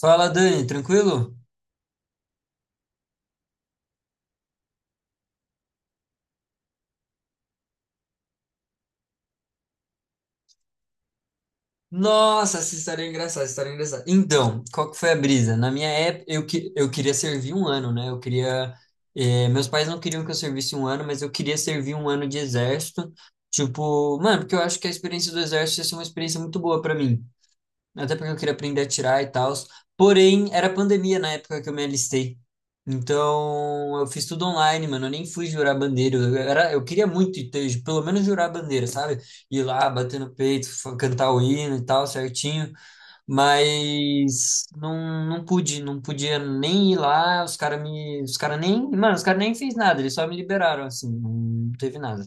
Fala, Dani, tranquilo? Nossa, essa história é engraçada, essa história é engraçada. Então, qual que foi a brisa? Na minha época, eu queria servir um ano, né? Eu queria. Meus pais não queriam que eu servisse um ano, mas eu queria servir um ano de exército. Tipo, mano, porque eu acho que a experiência do exército ia ser uma experiência muito boa pra mim. Até porque eu queria aprender a tirar e tal. Porém, era pandemia na época que eu me alistei. Então, eu fiz tudo online, mano. Eu nem fui jurar bandeira. Eu queria muito ter, pelo menos jurar bandeira, sabe? Ir lá, bater no peito, cantar o hino e tal, certinho. Mas não, não pude, não podia nem ir lá. Os caras me. Os caras nem. Mano, os caras nem fez nada, eles só me liberaram, assim. Não teve nada.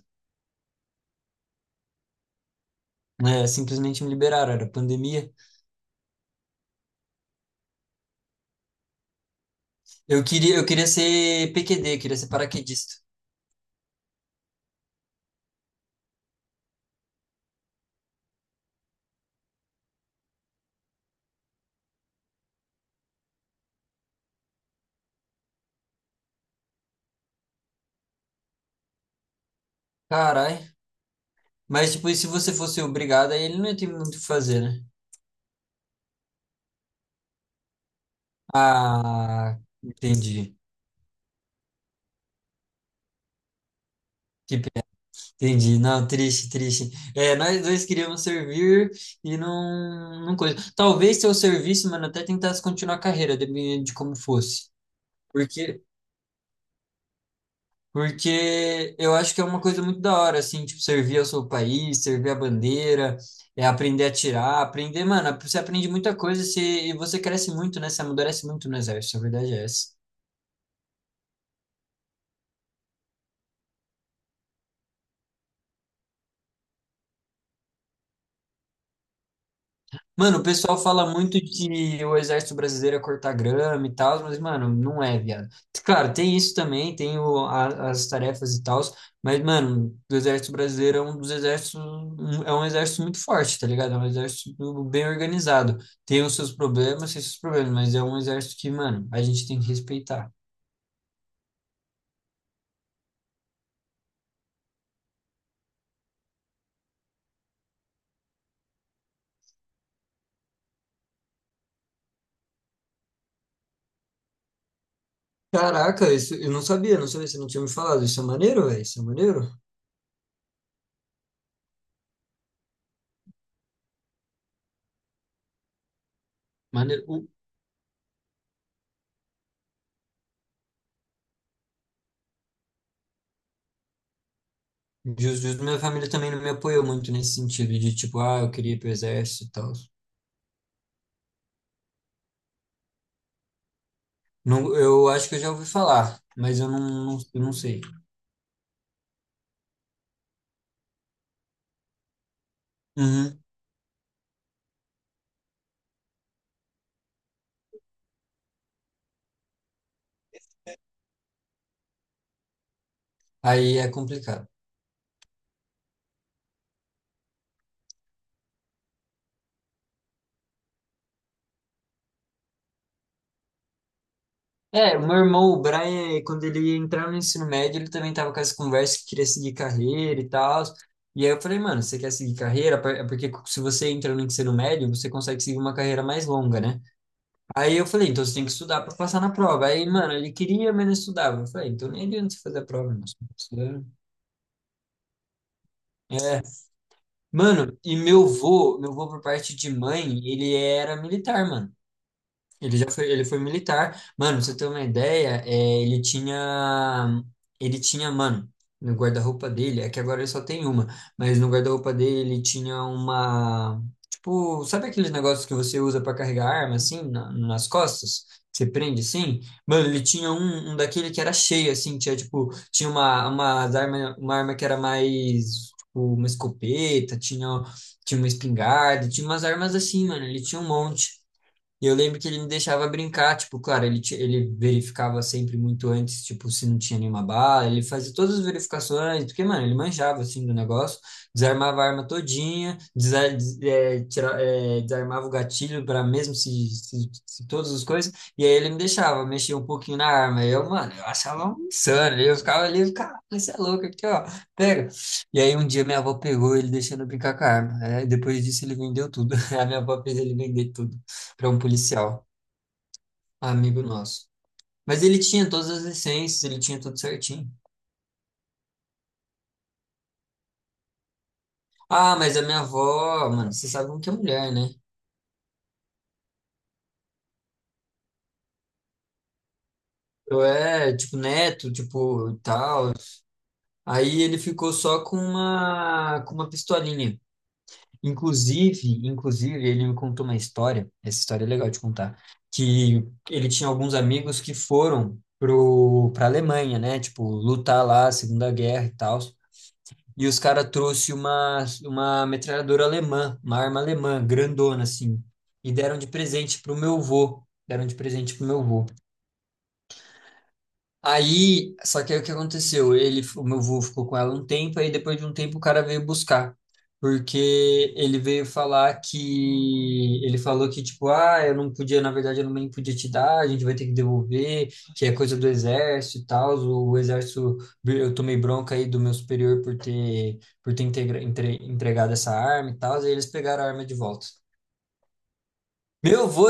É, simplesmente me liberaram, era pandemia. Eu queria ser PQD, queria ser paraquedista. Carai. Mas, tipo, e se você fosse obrigado, aí ele não ia ter muito o que fazer, né? Ah, entendi. Que pena. Entendi. Não, triste, triste. É, nós dois queríamos servir e não, não coisa. Talvez se eu servisse, mano, até tentasse continuar a carreira, dependendo de como fosse. Porque, porque eu acho que é uma coisa muito da hora, assim, tipo, servir ao seu país, servir a bandeira, é aprender a tirar, aprender, mano, você aprende muita coisa se, e você cresce muito, né? Você amadurece muito no exército, a verdade é essa. Mano, o pessoal fala muito que o exército brasileiro é cortar grama e tal, mas, mano, não é, viado. Claro, tem isso também, as tarefas e tal, mas, mano, o exército brasileiro é um dos exércitos, é um exército muito forte, tá ligado? É um exército bem organizado. Tem os seus problemas, tem os seus problemas, mas é um exército que, mano, a gente tem que respeitar. Caraca, isso eu não sabia, você não tinha me falado. Isso é maneiro, velho, isso é maneiro. Maneiro. Justo, justo. Minha família também não me apoiou muito nesse sentido de tipo, ah, eu queria ir pro exército e tal. Não, eu acho que eu já ouvi falar, mas eu não sei. Uhum. Aí é complicado. É, o meu irmão, o Brian, quando ele entrava no ensino médio, ele também tava com essa conversa que queria seguir carreira e tal. E aí eu falei, mano, você quer seguir carreira? É porque se você entra no ensino médio, você consegue seguir uma carreira mais longa, né? Aí eu falei, então você tem que estudar pra passar na prova. Aí, mano, ele queria, mas não estudava. Eu falei, então nem adianta você fazer a prova, moço. Não precisa- É. Mano, e meu vô por parte de mãe, ele era militar, mano. Ele já foi, ele foi militar. Mano, pra você ter uma ideia, ele tinha, mano, no guarda-roupa dele, é que agora ele só tem uma, mas no guarda-roupa dele ele tinha uma, tipo, sabe aqueles negócios que você usa pra carregar arma, assim, nas costas? Que Você prende, assim? Mano, ele tinha um daquele que era cheio, assim, tinha, tipo, tinha uma, uma arma que era mais, tipo, uma escopeta, tinha, tinha uma espingarda, tinha umas armas assim, mano, ele tinha um monte. E eu lembro que ele me deixava brincar, tipo, claro, ele, ele verificava sempre muito antes, tipo, se não tinha nenhuma bala, ele fazia todas as verificações, porque, mano, ele manjava, assim, do negócio, desarmava a arma todinha, desarmava o gatilho para mesmo se, todas as coisas, e aí ele me deixava mexer um pouquinho na arma, e eu, mano, eu achava um insano, eu ficava ali, cara, você é louco aqui, ó, pega. E aí um dia minha avó pegou ele deixando eu brincar com a arma, né? Depois disso ele vendeu tudo, a minha avó fez ele vender tudo para um policial, amigo nosso. Mas ele tinha todas as licenças, ele tinha tudo certinho. Ah, mas a minha avó, mano, vocês sabem que é mulher, né? Eu é, tipo, neto, tipo, tal. Aí ele ficou só com uma pistolinha. Inclusive, ele me contou uma história, essa história é legal de contar, que ele tinha alguns amigos que foram pra Alemanha, né? Tipo, lutar lá, Segunda Guerra e tal. E os caras trouxe uma metralhadora alemã, uma arma alemã, grandona, assim. E deram de presente pro meu vô. Deram de presente pro meu vô. Aí, só que aí o que aconteceu? Ele, o meu avô ficou com ela um tempo, aí depois de um tempo o cara veio buscar. Porque ele veio falar que. Ele falou que, tipo, ah, eu não podia, na verdade, eu não podia te dar, a gente vai ter que devolver, que é coisa do exército e tal. O exército, eu tomei bronca aí do meu superior por ter, entregado essa arma e tal, e eles pegaram a arma de volta. Meu avô,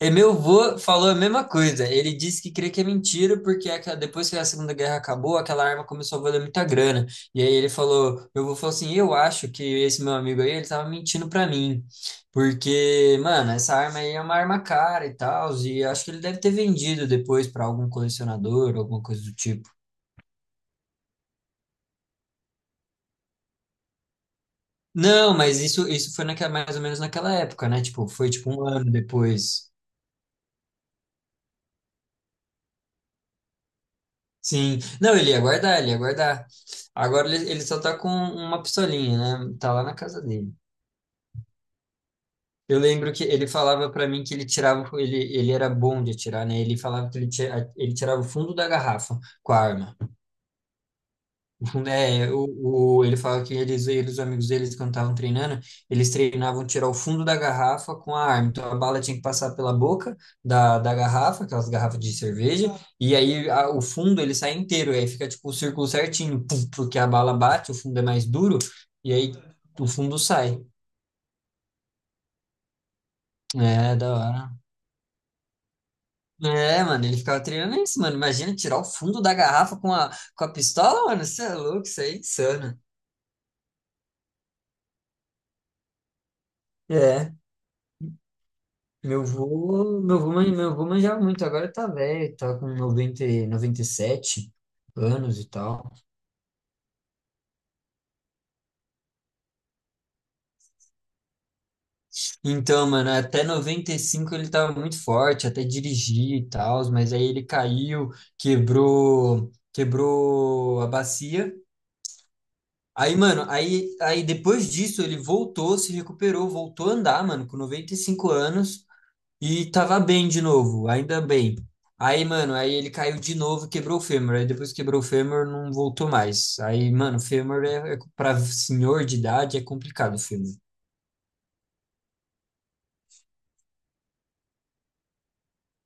meu avô falou a mesma coisa. Ele disse que crê que é mentira, porque é aquela- depois que a Segunda Guerra acabou, aquela arma começou a valer muita grana. E aí ele falou, meu avô falou assim, eu acho que esse meu amigo aí, ele tava mentindo pra mim. Porque, mano, essa arma aí é uma arma cara e tal, e acho que ele deve ter vendido depois pra algum colecionador, alguma coisa do tipo. Não, mas isso foi naquela, mais ou menos naquela época, né? Tipo, foi tipo um ano depois. Sim. Não, ele ia guardar, ele ia guardar. Agora ele só tá com uma pistolinha, né? Tá lá na casa dele. Eu lembro que ele falava pra mim que ele tirava, ele era bom de atirar, né? Ele falava que ele, ele tirava o fundo da garrafa com a arma. É, ele fala que eles, os amigos deles, quando estavam treinando, eles treinavam tirar o fundo da garrafa com a arma. Então a bala tinha que passar pela boca da, da garrafa, aquelas garrafas de cerveja, e aí o fundo ele sai inteiro, e aí fica tipo o círculo certinho, pum, porque a bala bate, o fundo é mais duro, e aí o fundo sai. É, da hora. É, mano, ele ficava treinando isso, mano. Imagina tirar o fundo da garrafa com a pistola, mano. Isso é louco, isso aí é insano. É. Meu vô manjava muito, agora tá velho, tá com 97 anos e tal. Então, mano, até 95 ele tava muito forte, até dirigir e tal, mas aí ele caiu, quebrou a bacia. Aí, mano, aí depois disso ele voltou, se recuperou, voltou a andar, mano, com 95 anos. E tava bem de novo, ainda bem. Aí, mano, aí ele caiu de novo, e quebrou o fêmur. Aí depois que quebrou o fêmur, não voltou mais. Aí, mano, fêmur é, é para senhor de idade é complicado o fêmur.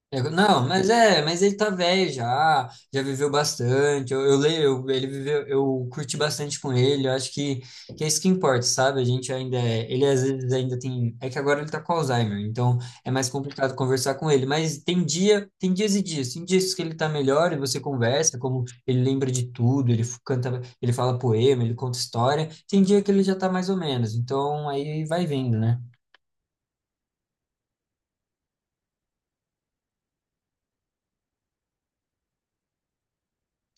É, não, mas é, mas ele tá velho já, já viveu bastante. Eu, ele viveu, eu curti bastante com ele. Eu acho que é isso que importa, sabe? A gente ainda é, ele às vezes ainda tem, é que agora ele tá com Alzheimer, então é mais complicado conversar com ele. Mas tem dia, tem dias e dias, tem dias que ele tá melhor e você conversa, como ele lembra de tudo, ele canta, ele fala poema, ele conta história. Tem dia que ele já tá mais ou menos, então aí vai vendo, né?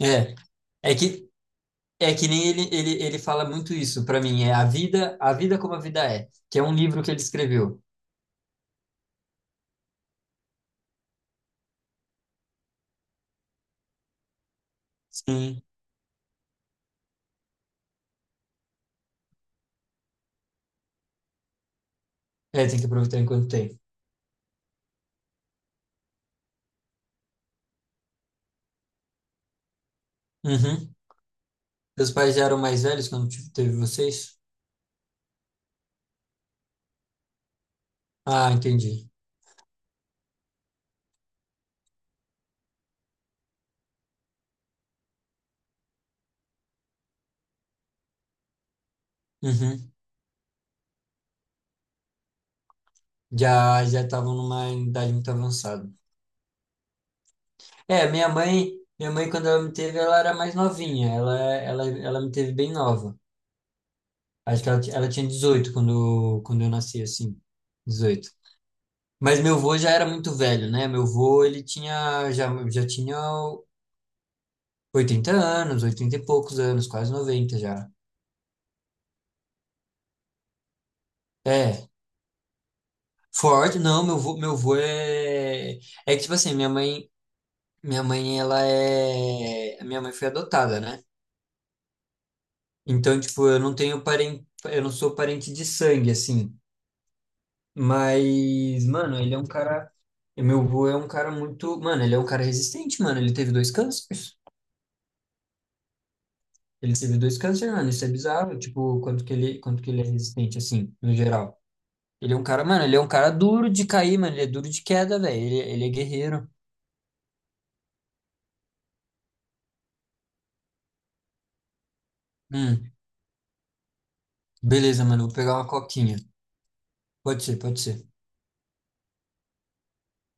É. É que É que nem ele, ele fala muito isso pra mim, é a vida como a vida é, que é um livro que ele escreveu. Sim. É, tem que aproveitar enquanto tem. Uhum. Seus pais já eram mais velhos quando teve vocês? Ah, entendi. Uhum. Já já estavam numa idade muito avançada. É, minha mãe quando ela me teve, ela era mais novinha, ela me teve bem nova. Acho que ela, ela tinha 18 quando eu nasci assim. 18. Mas meu avô já era muito velho, né? Meu avô, ele tinha, já tinha 80 anos, 80 e poucos anos, quase 90 já. É, forte, não, meu avô é... É que, tipo assim, minha mãe, ela é... A minha mãe foi adotada, né? Então, tipo, eu não tenho parente, eu não sou parente de sangue, assim. Mas, mano, ele é um cara... Meu avô é um cara muito... Mano, ele é um cara resistente, mano. Ele teve dois cânceres. Ele teve dois câncer, mano, isso é bizarro, tipo, quanto que ele é resistente, assim, no geral. Ele é um cara, mano, ele é um cara duro de cair, mano, ele é duro de queda, velho, ele é guerreiro. Hum, beleza, mano, vou pegar uma coquinha. Pode ser, pode ser.